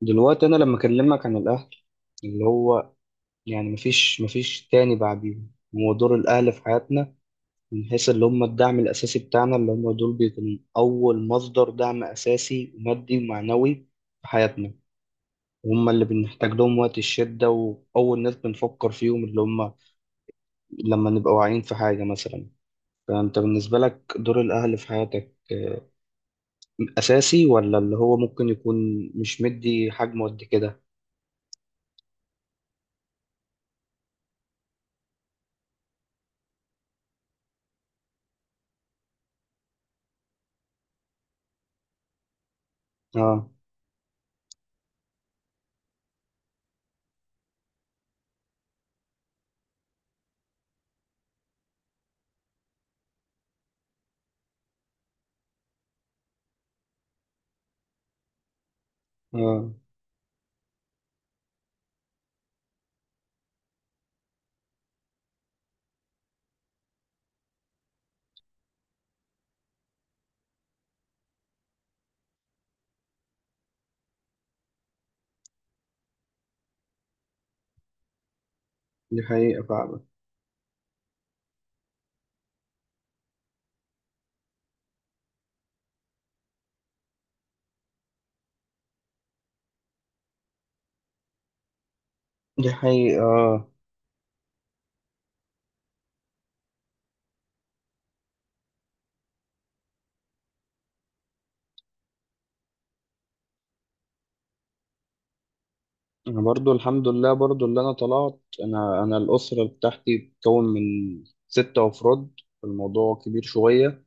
دلوقتي انا لما اكلمك عن الاهل اللي هو يعني مفيش تاني بعديهم، هو دور الاهل في حياتنا من حيث اللي هم الدعم الاساسي بتاعنا. اللي هم دول بيكونوا اول مصدر دعم اساسي ومادي ومعنوي في حياتنا. هم اللي بنحتاج لهم وقت الشدة وأول ناس بنفكر فيهم، اللي هم لما نبقى واعيين في حاجة مثلا. فأنت بالنسبة لك دور الأهل في حياتك آه، أساسي ولا اللي هو ممكن يكون مش مدي حجمه قد كده؟ آه آه، دي حقيقة فعلا. دي حقيقة آه. أنا برضو الحمد لله، برضو اللي أنا طلعت، أنا أنا الأسرة بتاعتي بتتكون من ستة أفراد، الموضوع كبير شوية.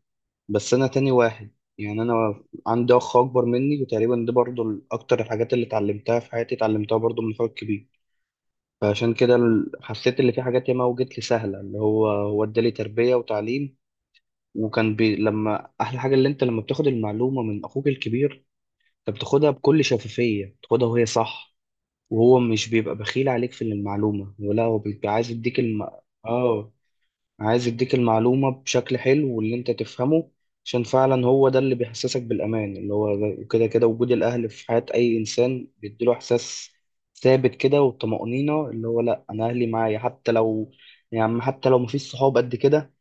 بس أنا تاني واحد، يعني أنا عندي أخ أكبر مني. وتقريبا دي برضو أكتر الحاجات اللي اتعلمتها في حياتي اتعلمتها برضو من أخويا الكبير. فعشان كده حسيت اللي في حاجات ياما وجت لي سهلة، اللي هو ادالي تربية وتعليم. وكان بي لما أحلى حاجة اللي أنت لما بتاخد المعلومة من أخوك الكبير، أنت بتاخدها بكل شفافية، بتاخدها وهي صح. وهو مش بيبقى بخيل عليك في المعلومة، ولا هو بيبقى عايز يديك اه، عايز يديك المعلومة بشكل حلو واللي انت تفهمه. عشان فعلا هو ده اللي بيحسسك بالأمان، اللي هو كده كده وجود الأهل في حياة أي إنسان بيديله إحساس ثابت كده والطمأنينة، اللي هو لأ أنا أهلي معايا. حتى لو يعني حتى لو مفيش صحاب قد كده،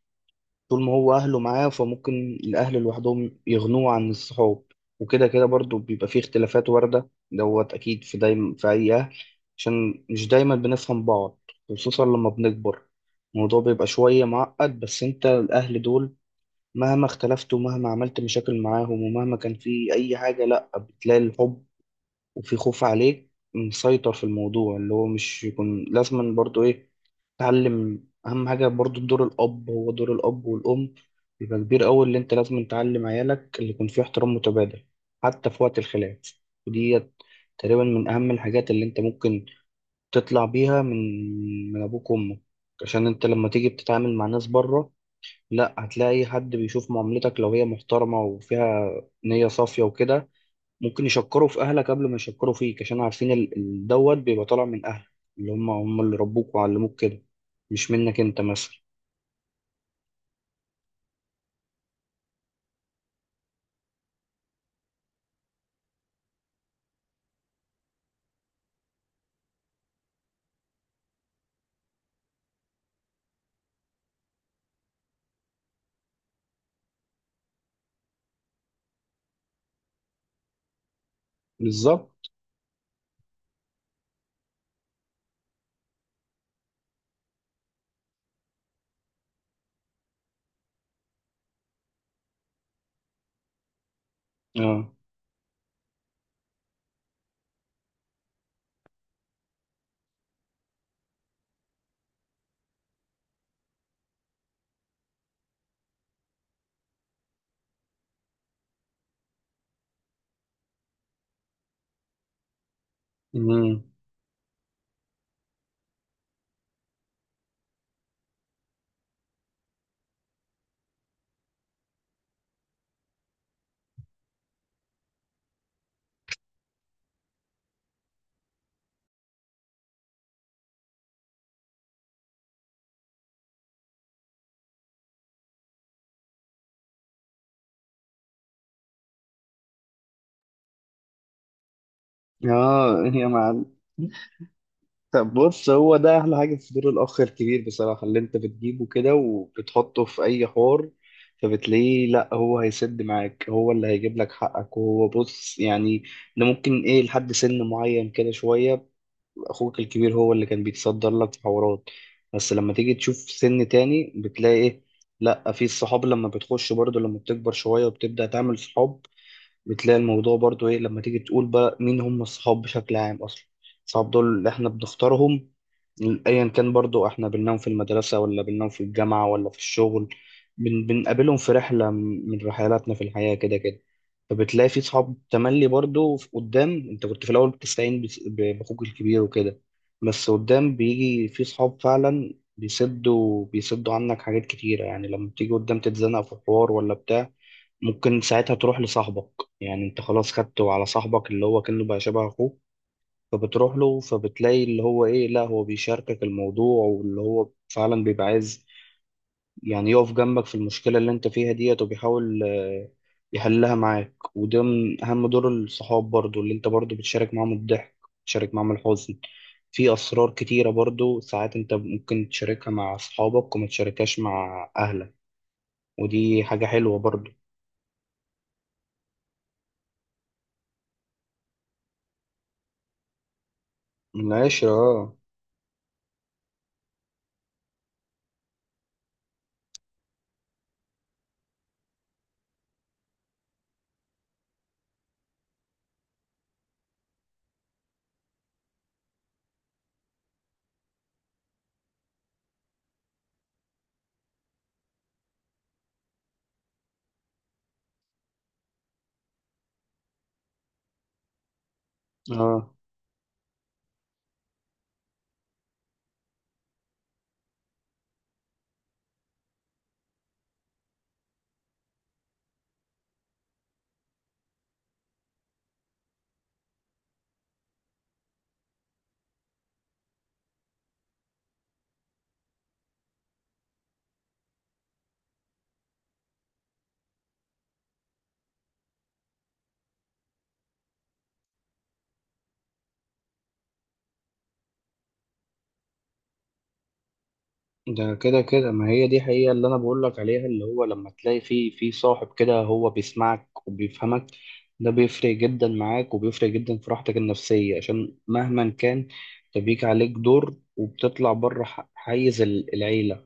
طول ما هو أهله معاه فممكن الأهل لوحدهم يغنوه عن الصحاب. وكده كده برضو بيبقى فيه اختلافات واردة دوت، أكيد في دايما في أي أهل، عشان مش دايما بنفهم بعض. خصوصا لما بنكبر الموضوع بيبقى شوية معقد. بس أنت الأهل دول مهما اختلفت ومهما عملت مشاكل معاهم ومهما كان في أي حاجة، لأ بتلاقي الحب وفي خوف عليك مسيطر في الموضوع، اللي هو مش يكون لازما برضو ايه، تعلم اهم حاجة برضو. دور الاب هو دور الاب والام بيبقى كبير قوي، اللي انت لازم تعلم عيالك اللي يكون فيه احترام متبادل حتى في وقت الخلاف. ودي تقريبا من اهم الحاجات اللي انت ممكن تطلع بيها من من ابوك وامك، عشان انت لما تيجي بتتعامل مع ناس بره، لا هتلاقي حد بيشوف معاملتك لو هي محترمة وفيها نية صافية وكده، ممكن يشكروا في اهلك قبل ما يشكروا فيك، عشان عارفين دوت بيبقى طالع من اهلك، اللي هم اللي ربوك وعلموك كده، مش منك انت مثلا. بالظبط. اه. امم. اه يا معلم، طب بص هو ده احلى حاجه في دور الاخ الكبير بصراحه، اللي انت بتجيبه كده وبتحطه في اي حوار فبتلاقيه لا هو هيسد معاك، هو اللي هيجيب لك حقك. وهو بص يعني ده ممكن ايه لحد سن معين كده شويه، اخوك الكبير هو اللي كان بيتصدر لك في حوارات. بس لما تيجي تشوف سن تاني بتلاقي ايه، لا في الصحاب لما بتخش برضو، لما بتكبر شوية وبتبدأ تعمل صحاب بتلاقي الموضوع برضو ايه. لما تيجي تقول بقى مين هم الصحاب بشكل عام اصلا، الصحاب دول اللي احنا بنختارهم ايا كان. برضو احنا بننام في المدرسة ولا بننام في الجامعة ولا في الشغل، بنقابلهم في رحلة من رحلاتنا في الحياة كده كده. فبتلاقي في صحاب تملي برضو قدام انت كنت في الاول بتستعين باخوك الكبير وكده. بس قدام بيجي في صحاب فعلا بيسدوا عنك حاجات كتيرة، يعني لما بتيجي قدام تتزنق في حوار ولا بتاع ممكن ساعتها تروح لصاحبك. يعني انت خلاص خدته على صاحبك اللي هو كأنه بقى شبه اخوك، فبتروح له فبتلاقي اللي هو ايه، لا هو بيشاركك الموضوع، واللي هو فعلا بيبقى عايز يعني يقف جنبك في المشكلة اللي انت فيها ديت، وبيحاول آه، يحلها معاك. وده من أهم دور الصحاب برضو، اللي انت برضو بتشارك معاهم الضحك، بتشارك معاهم الحزن. في أسرار كتيرة برضو ساعات انت ممكن تشاركها مع أصحابك وما تشاركهاش مع أهلك، ودي حاجة حلوة برضو. من العشرة. اه اه. ده كده كده، ما هي دي حقيقة اللي أنا بقول لك عليها. اللي هو لما تلاقي في صاحب كده هو بيسمعك وبيفهمك، ده بيفرق جدا معاك وبيفرق جدا في راحتك النفسية. عشان مهما كان ده بيجي عليك دور وبتطلع بره حيز العيلة،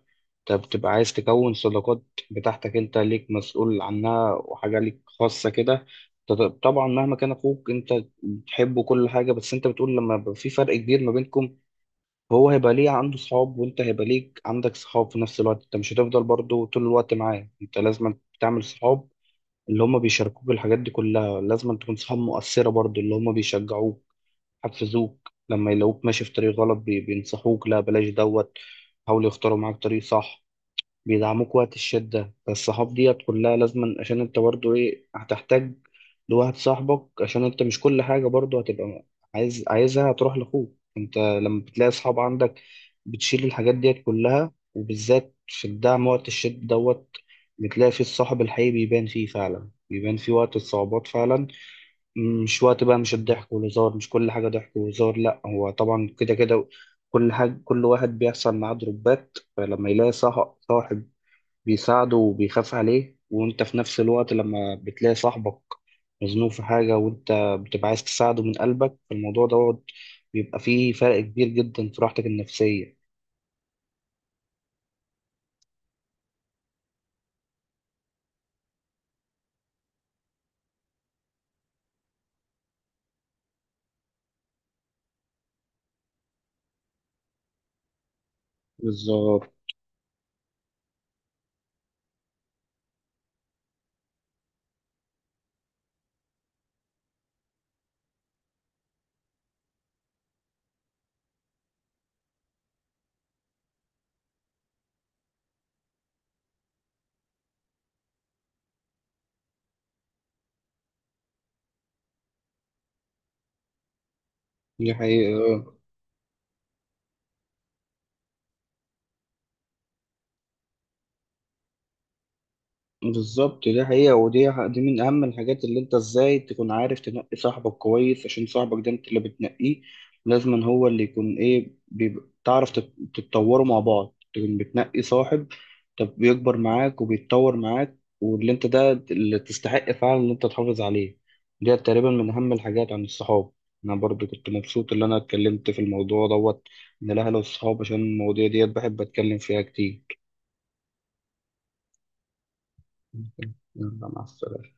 انت بتبقى عايز تكون صداقات بتاعتك انت ليك مسؤول عنها وحاجة ليك خاصة كده. طبعا مهما كان أخوك انت بتحبه كل حاجة، بس انت بتقول لما يبقى في فرق كبير ما بينكم، هو هيبقى ليه عنده صحاب وانت هيبقى ليك عندك صحاب. في نفس الوقت انت مش هتفضل برضو طول الوقت معاه، انت لازم تعمل صحاب اللي هم بيشاركوك الحاجات دي كلها. لازم تكون صحاب مؤثرة برضو، اللي هم بيشجعوك، حفزوك لما يلاقوك ماشي في طريق غلط بينصحوك لا بلاش دوت، حاولوا يختاروا معاك طريق صح، بيدعموك وقت الشدة. فالصحاب ديت كلها لازما، عشان انت برضو ايه هتحتاج لواحد صاحبك، عشان انت مش كل حاجة برضو هتبقى عايز عايزها هتروح لأخوك. انت لما بتلاقي صحاب عندك بتشيل الحاجات ديت كلها، وبالذات في الدعم وقت الشد دوت، بتلاقي فيه الصاحب الحقيقي بيبان فيه فعلا، بيبان فيه وقت الصعوبات فعلا. مش وقت بقى مش الضحك والهزار، مش كل حاجة ضحك وهزار، لأ هو طبعا كده كده كل حاجة كل واحد بيحصل معاه دروبات، فلما يلاقي صاحب بيساعده وبيخاف عليه. وانت في نفس الوقت لما بتلاقي صاحبك مزنوق في حاجة وانت بتبقى عايز تساعده من قلبك، الموضوع دوت بيبقى فيه فرق كبير جدا في راحتك النفسية. بالظبط دي حقيقة. بالظبط دي حقيقة، دي من أهم الحاجات، اللي أنت إزاي تكون عارف تنقي صاحبك كويس، عشان صاحبك ده أنت اللي بتنقيه لازما، هو اللي يكون إيه بيبقى تعرف تتطوروا مع بعض. تكون بتنقي صاحب طب بيكبر معاك وبيتطور معاك، واللي أنت ده اللي تستحق فعلا إن أنت تحافظ عليه. دي تقريبا من أهم الحاجات عن الصحاب. أنا برضو كنت مبسوط إن أنا اتكلمت في الموضوع دوت من الأهل والصحاب، عشان المواضيع ديت بحب أتكلم فيها كتير. يلا مع السلامة.